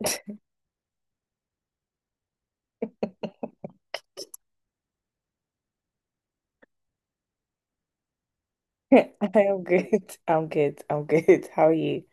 I am good. I'm good. I'm good. How are you?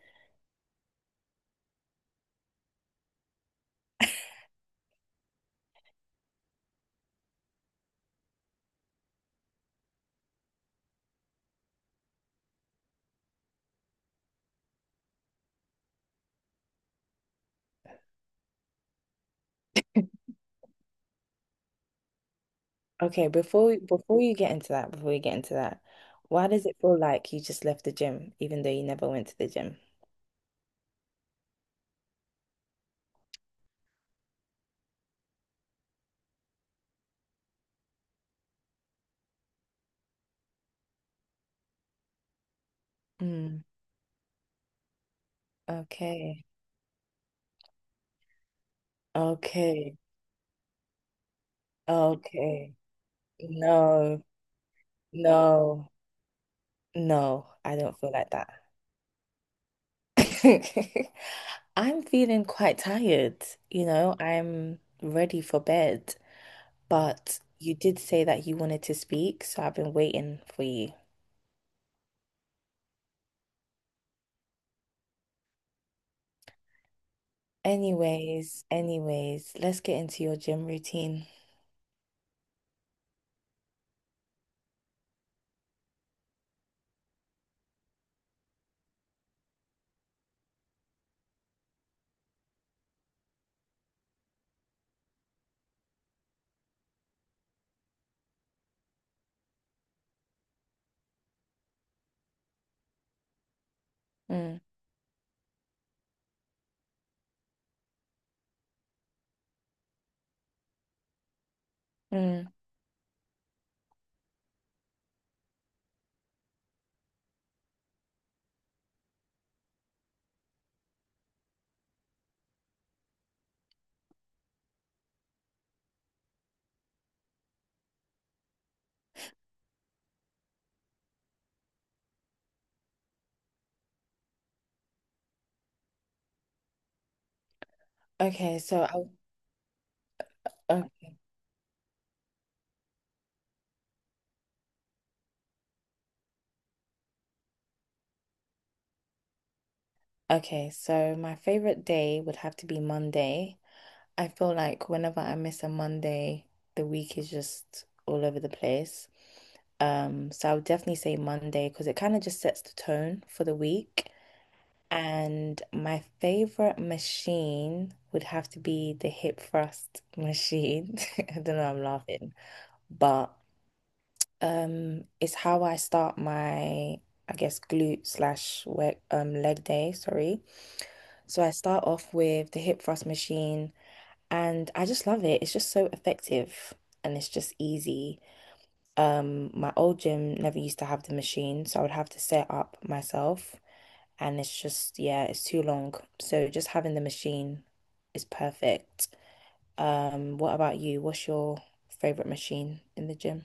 Okay, before you get into that, before you get into that, why does it feel like you just left the gym, even though you never went to the gym? Mm, okay. Okay. Okay. No, no, no, I don't feel like that. I'm feeling quite tired, you know, I'm ready for bed, but you did say that you wanted to speak, so I've been waiting for you. Anyways, anyways, let's get into your gym routine. Mm, mm. Okay, so I'll, o- okay, so my favorite day would have to be Monday. I feel like whenever I miss a Monday, the week is just all over the place. So I would definitely say Monday because it kind of just sets the tone for the week. And my favorite machine would have to be the hip thrust machine. I don't know, I'm laughing, but. It's how I start my, I guess, glute slash work, leg day, sorry. So I start off with the hip thrust machine and I just love it. It's just so effective and it's just easy. My old gym never used to have the machine, so I would have to set up myself and it's just, yeah, it's too long. So just having the machine is perfect. What about you? What's your favorite machine in the gym?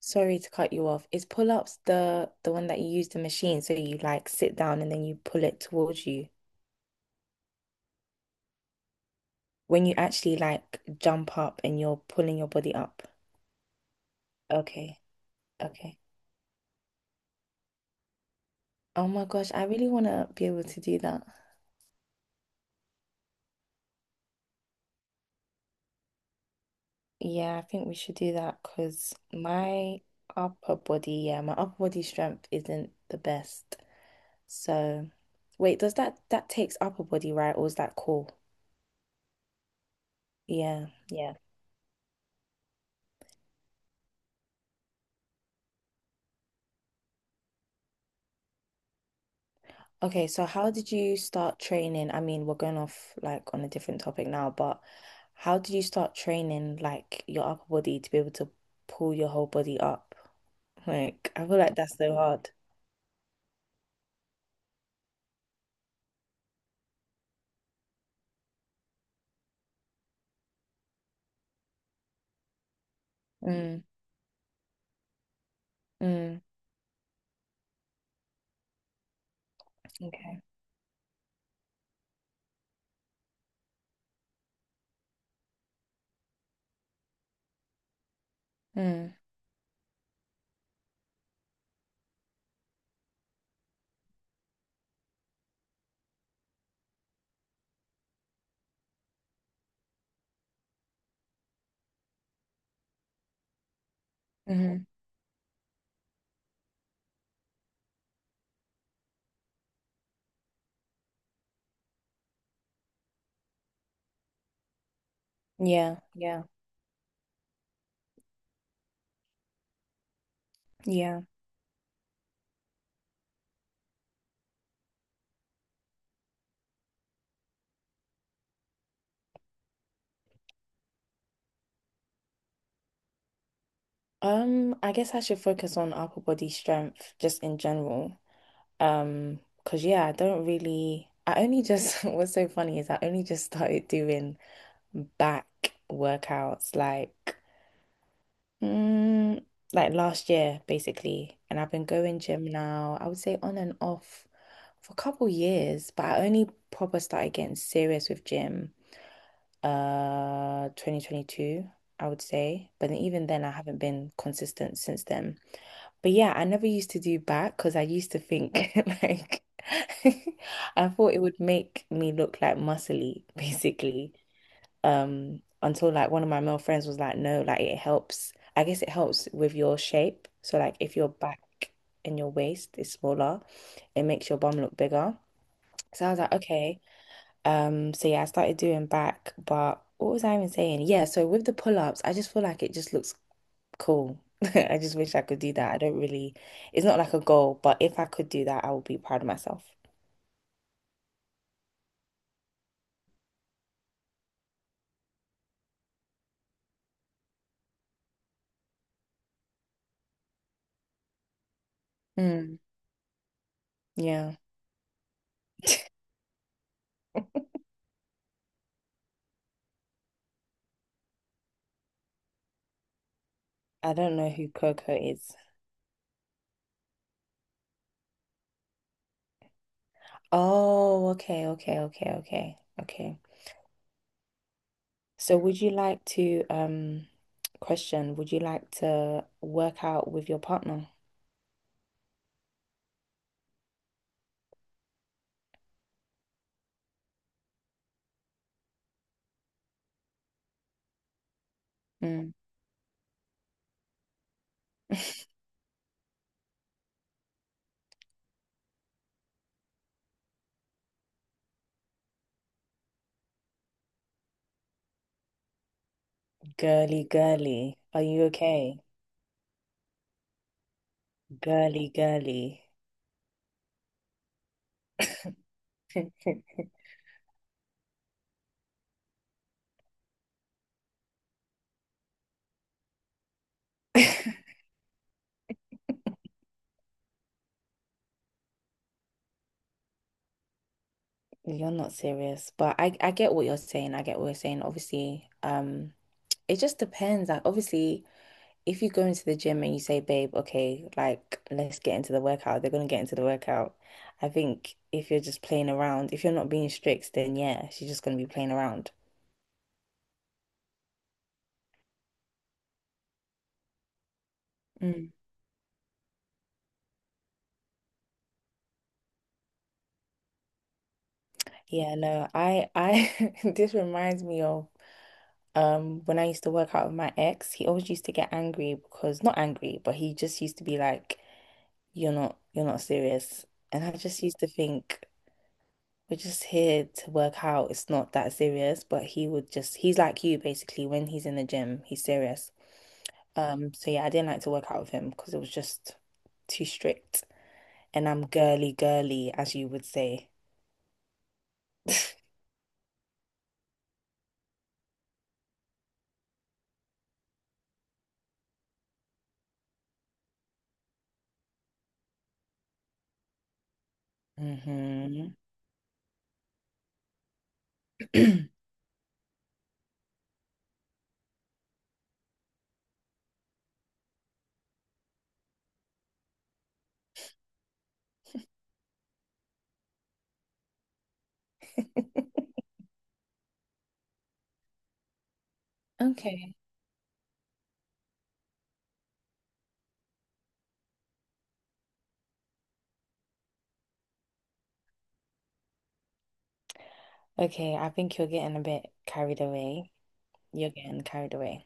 Sorry to cut you off. Is pull-ups the one that you use the machine so you like sit down and then you pull it towards you when you actually like jump up and you're pulling your body up. Okay. Okay. Oh my gosh, I really want to be able to do that. Yeah, I think we should do that because my upper body, yeah, my upper body strength isn't the best. So, wait, does that takes upper body, right? Or is that core? Yeah. Yeah. Okay, so how did you start training? I mean, we're going off like on a different topic now, but how did you start training like your upper body to be able to pull your whole body up? Like, I feel like that's so hard. Mm, mm, okay. Mm, hmm. Yeah, yeah, yeah. I guess I should focus on upper body strength just in general. Because yeah, I don't really, I only just, what's so funny is I only just started doing back workouts. Like, mm, like last year, basically. And I've been going gym now, I would say on and off for a couple years, but I only proper started getting serious with gym 2022, I would say. But then even then I haven't been consistent since then. But yeah, I never used to do back because I used to think like I thought it would make me look like muscly, basically until like one of my male friends was like no like it helps, I guess it helps with your shape, so like if your back and your waist is smaller it makes your bum look bigger, so I was like okay. So yeah I started doing back but what was I even saying, yeah so with the pull-ups I just feel like it just looks cool. I just wish I could do that. I don't really it's not like a goal but if I could do that I would be proud of myself. Mm. Yeah. I don't know who Coco is. Oh, okay, okay, okay, okay, okay. So would you like to question, would you like to work out with your partner? Mm. Girly, girly. Are you okay? Girly, girly. You're not serious, but I get what you're saying. I get what you're saying. Obviously, it just depends. Like obviously, if you go into the gym and you say, babe, okay, like let's get into the workout, they're gonna get into the workout. I think if you're just playing around, if you're not being strict, then yeah, she's just gonna be playing around. Mm. Yeah, no, I this reminds me of when I used to work out with my ex, he always used to get angry because not angry, but he just used to be like, you're not serious. And I just used to think we're just here to work out. It's not that serious, but he's like you basically. When he's in the gym, he's serious. So yeah, I didn't like to work out with him because it was just too strict. And I'm girly, girly, as you would say. Hmm. Okay. Okay, I think you're getting a bit carried away. You're getting carried away.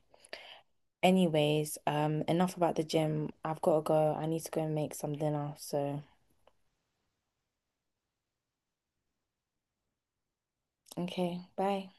Anyways, enough about the gym. I've got to go. I need to go and make some dinner. So, okay, bye.